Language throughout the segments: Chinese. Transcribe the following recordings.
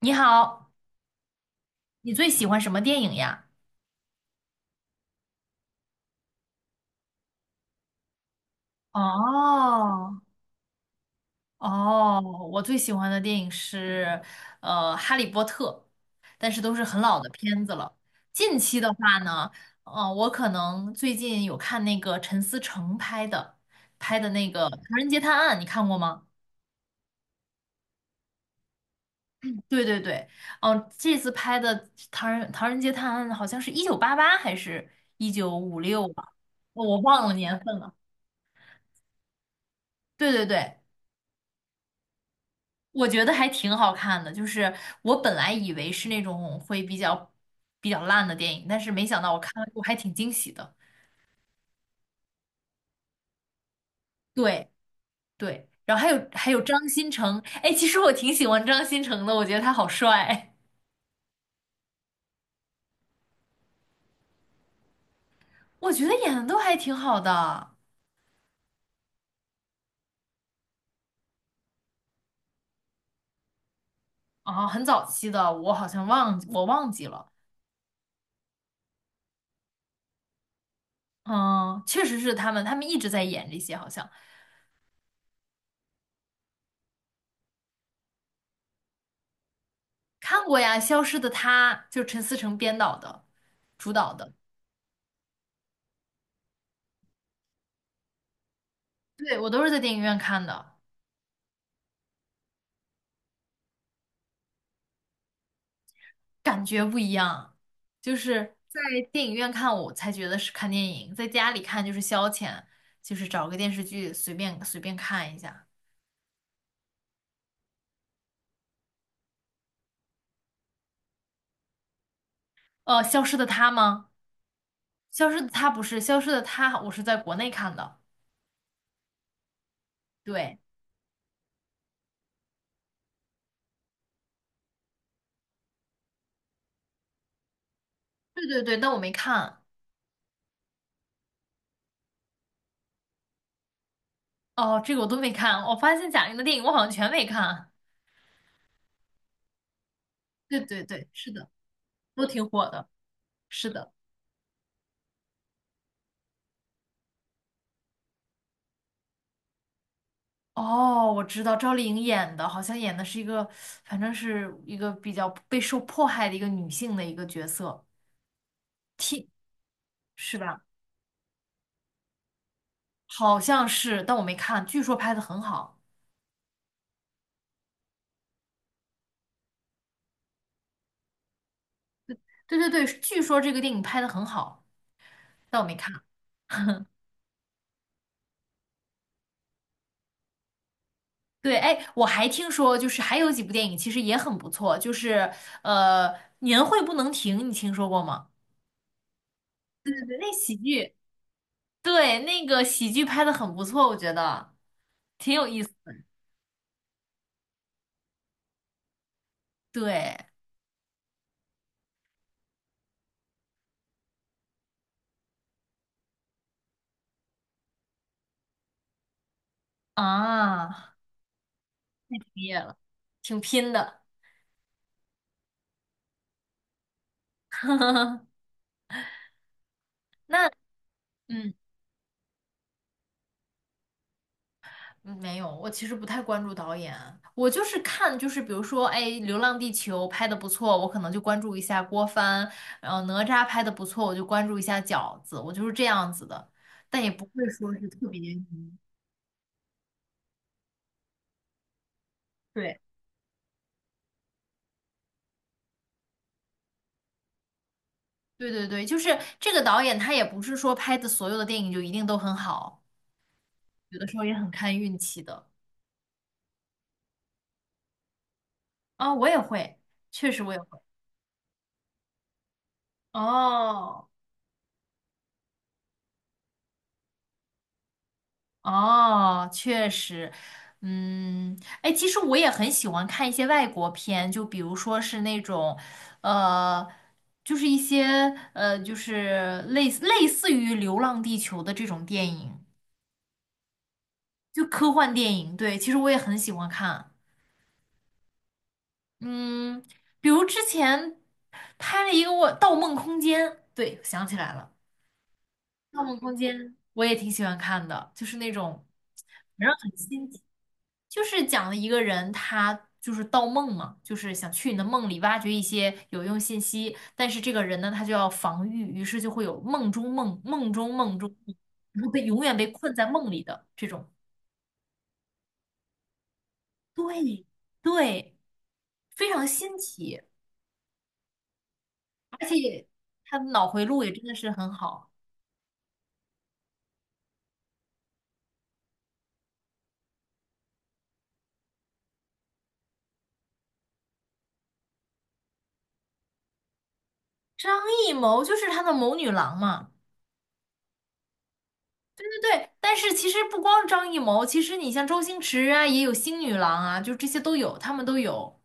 你好，你最喜欢什么电影呀？哦哦，我最喜欢的电影是《哈利波特》，但是都是很老的片子了。近期的话呢，我可能最近有看那个陈思诚拍的那个《唐人街探案》，你看过吗？对对对，嗯、这次拍的《唐人街探案》好像是1988还是1956吧，哦我忘了年份了。对对对。我觉得还挺好看的，就是我本来以为是那种会比较烂的电影，但是没想到我看了我还挺惊喜的。对对，然后还有张新成，哎，其实我挺喜欢张新成的，我觉得他好帅，我觉得演的都还挺好的。啊，很早期的，我好像我忘记了。嗯，确实是他们，一直在演这些，好像看过呀，《消失的她》就陈思诚编导的，主导的，对，我都是在电影院看的。就是在电影院看我才觉得是看电影，在家里看就是消遣，就是找个电视剧随便随便看一下。《消失的她》吗？《消失的她》不是《消失的她》，我是在国内看的。对，对对对，但我没看。哦，这个我都没看。我发现贾玲的电影我好像全没看。对对对，是的，都挺火的。是的。哦，我知道赵丽颖演的，好像演的是一个，反正是一个比较被受迫害的一个女性的一个角色，替，是吧？好像是，但我没看，据说拍的很好。对对对，据说这个电影拍的很好，但我没看。对，哎，我还听说，就是还有几部电影其实也很不错，就是呃，《年会不能停》，你听说过吗？对对对，那喜剧，对，那个喜剧拍的很不错，我觉得挺有意思。对啊，毕业了，挺拼的。那嗯。嗯，没有，我其实不太关注导演啊，我就是看，就是比如说，哎，《流浪地球》拍的不错，我可能就关注一下郭帆，然后哪吒拍的不错，我就关注一下饺子，我就是这样子的，但也不会说是特别。对，对对对，就是这个导演他也不是说拍的所有的电影就一定都很好，有的时候也很看运气的。啊、我也会，确实我也会。哦。哦，确实，嗯，哎，其实我也很喜欢看一些外国片，就比如说是那种，呃，就是一些就是类似于《流浪地球》的这种电影，就科幻电影。对，其实我也很喜欢看，嗯，比如之前拍了一个我《盗梦空间》，对，想起来了。盗梦空间》我也挺喜欢看的，就是那种反正很新奇，就是讲了一个人他就是盗梦嘛，就是想去你的梦里挖掘一些有用信息，但是这个人呢他就要防御，于是就会有梦中梦、梦中梦中梦然后被永远被困在梦里的这种。对对，非常新奇，而且他的脑回路也真的是很好。张艺谋就是他的谋女郎嘛。对，但是其实不光张艺谋，其实你像周星驰啊，也有星女郎啊，就这些都有，他们都有。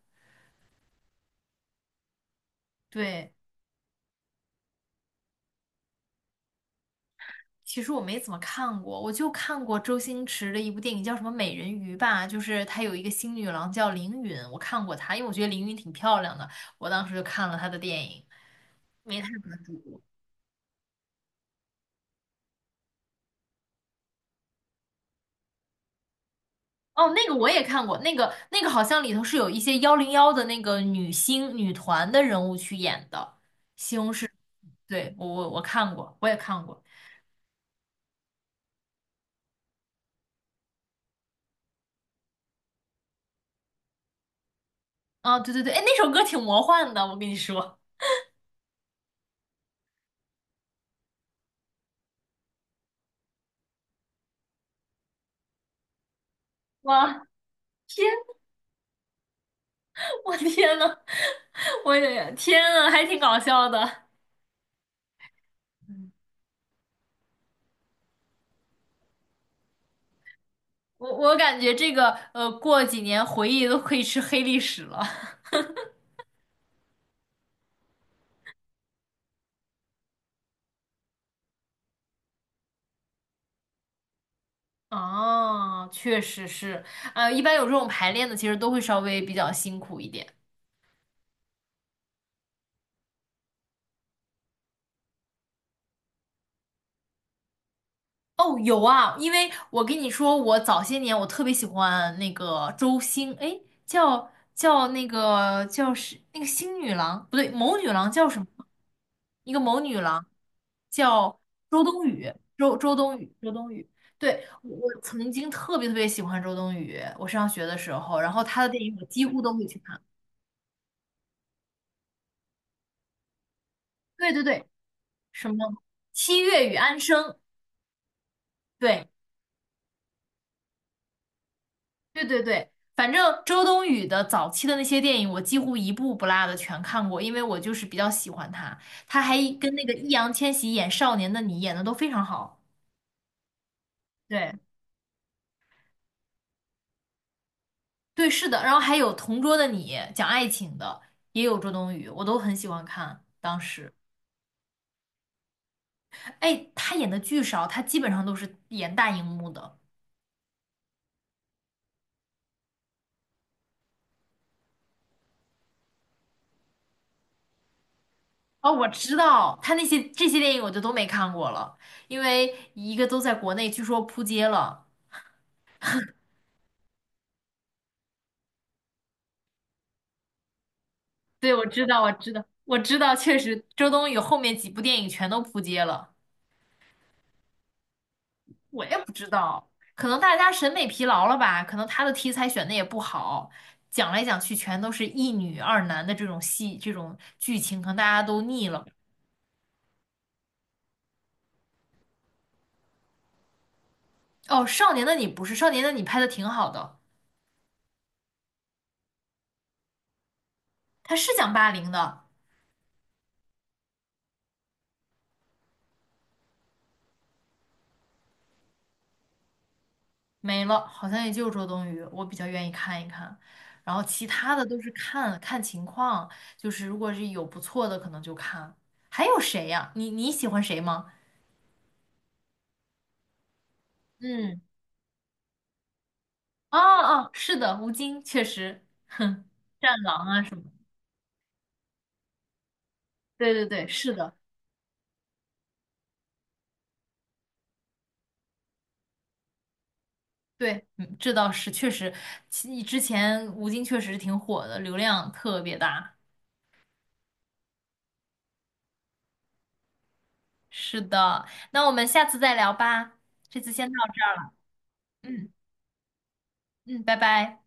对，其实我没怎么看过，我就看过周星驰的一部电影，叫什么《美人鱼》吧，就是他有一个星女郎叫凌云，我看过她，因为我觉得凌云挺漂亮的，我当时就看了她的电影，没太关注过。哦，那个我也看过，那个好像里头是有一些101的那个女星女团的人物去演的，对，我看过，我也看过。啊，对对对，哎，那首歌挺魔幻的，我跟你说，哇，天，我天呐，我也天呐，还挺搞笑的。嗯，我感觉这个过几年回忆都可以吃黑历史了。啊，确实是，一般有这种排练的，其实都会稍微比较辛苦一点。哦，有啊，因为我跟你说，我早些年我特别喜欢那个周星，哎，叫那个叫是那个星女郎，不对，谋女郎叫什么？一个谋女郎叫周冬雨，周冬雨，周冬雨。对，我曾经特别特别喜欢周冬雨，我上学的时候，然后她的电影我几乎都会去看。对对对，什么《七月与安生》，对，对对对，反正周冬雨的早期的那些电影，我几乎一部不落的全看过，因为我就是比较喜欢她。她还跟那个易烊千玺演《少年的你》演的都非常好。对对，是的。然后还有《同桌的你》讲爱情的，也有周冬雨，我都很喜欢看。当时，哎，她演的剧少，她基本上都是演大荧幕的。哦，我知道，她那些这些电影我就都没看过了，因为一个都在国内，据说扑街了。对，我知道，我知道，我知道，确实，周冬雨后面几部电影全都扑街了。我也不知道，可能大家审美疲劳了吧？可能她的题材选的也不好，讲来讲去全都是一女二男的这种戏，这种剧情，可能大家都腻了。哦，《少年的你》不是，《少年的你》拍的挺好的，他是讲霸凌的。没了，好像也就周冬雨，我比较愿意看一看。然后其他的都是看看情况，就是如果是有不错的，可能就看。还有谁呀？你喜欢谁吗？嗯，哦哦，是的，吴京确实，哼，战狼啊什么，对对对，是的，对，嗯这倒是确实，之前吴京确实挺火的，流量特别大。是的，那我们下次再聊吧，这次先到这儿，嗯嗯，拜拜。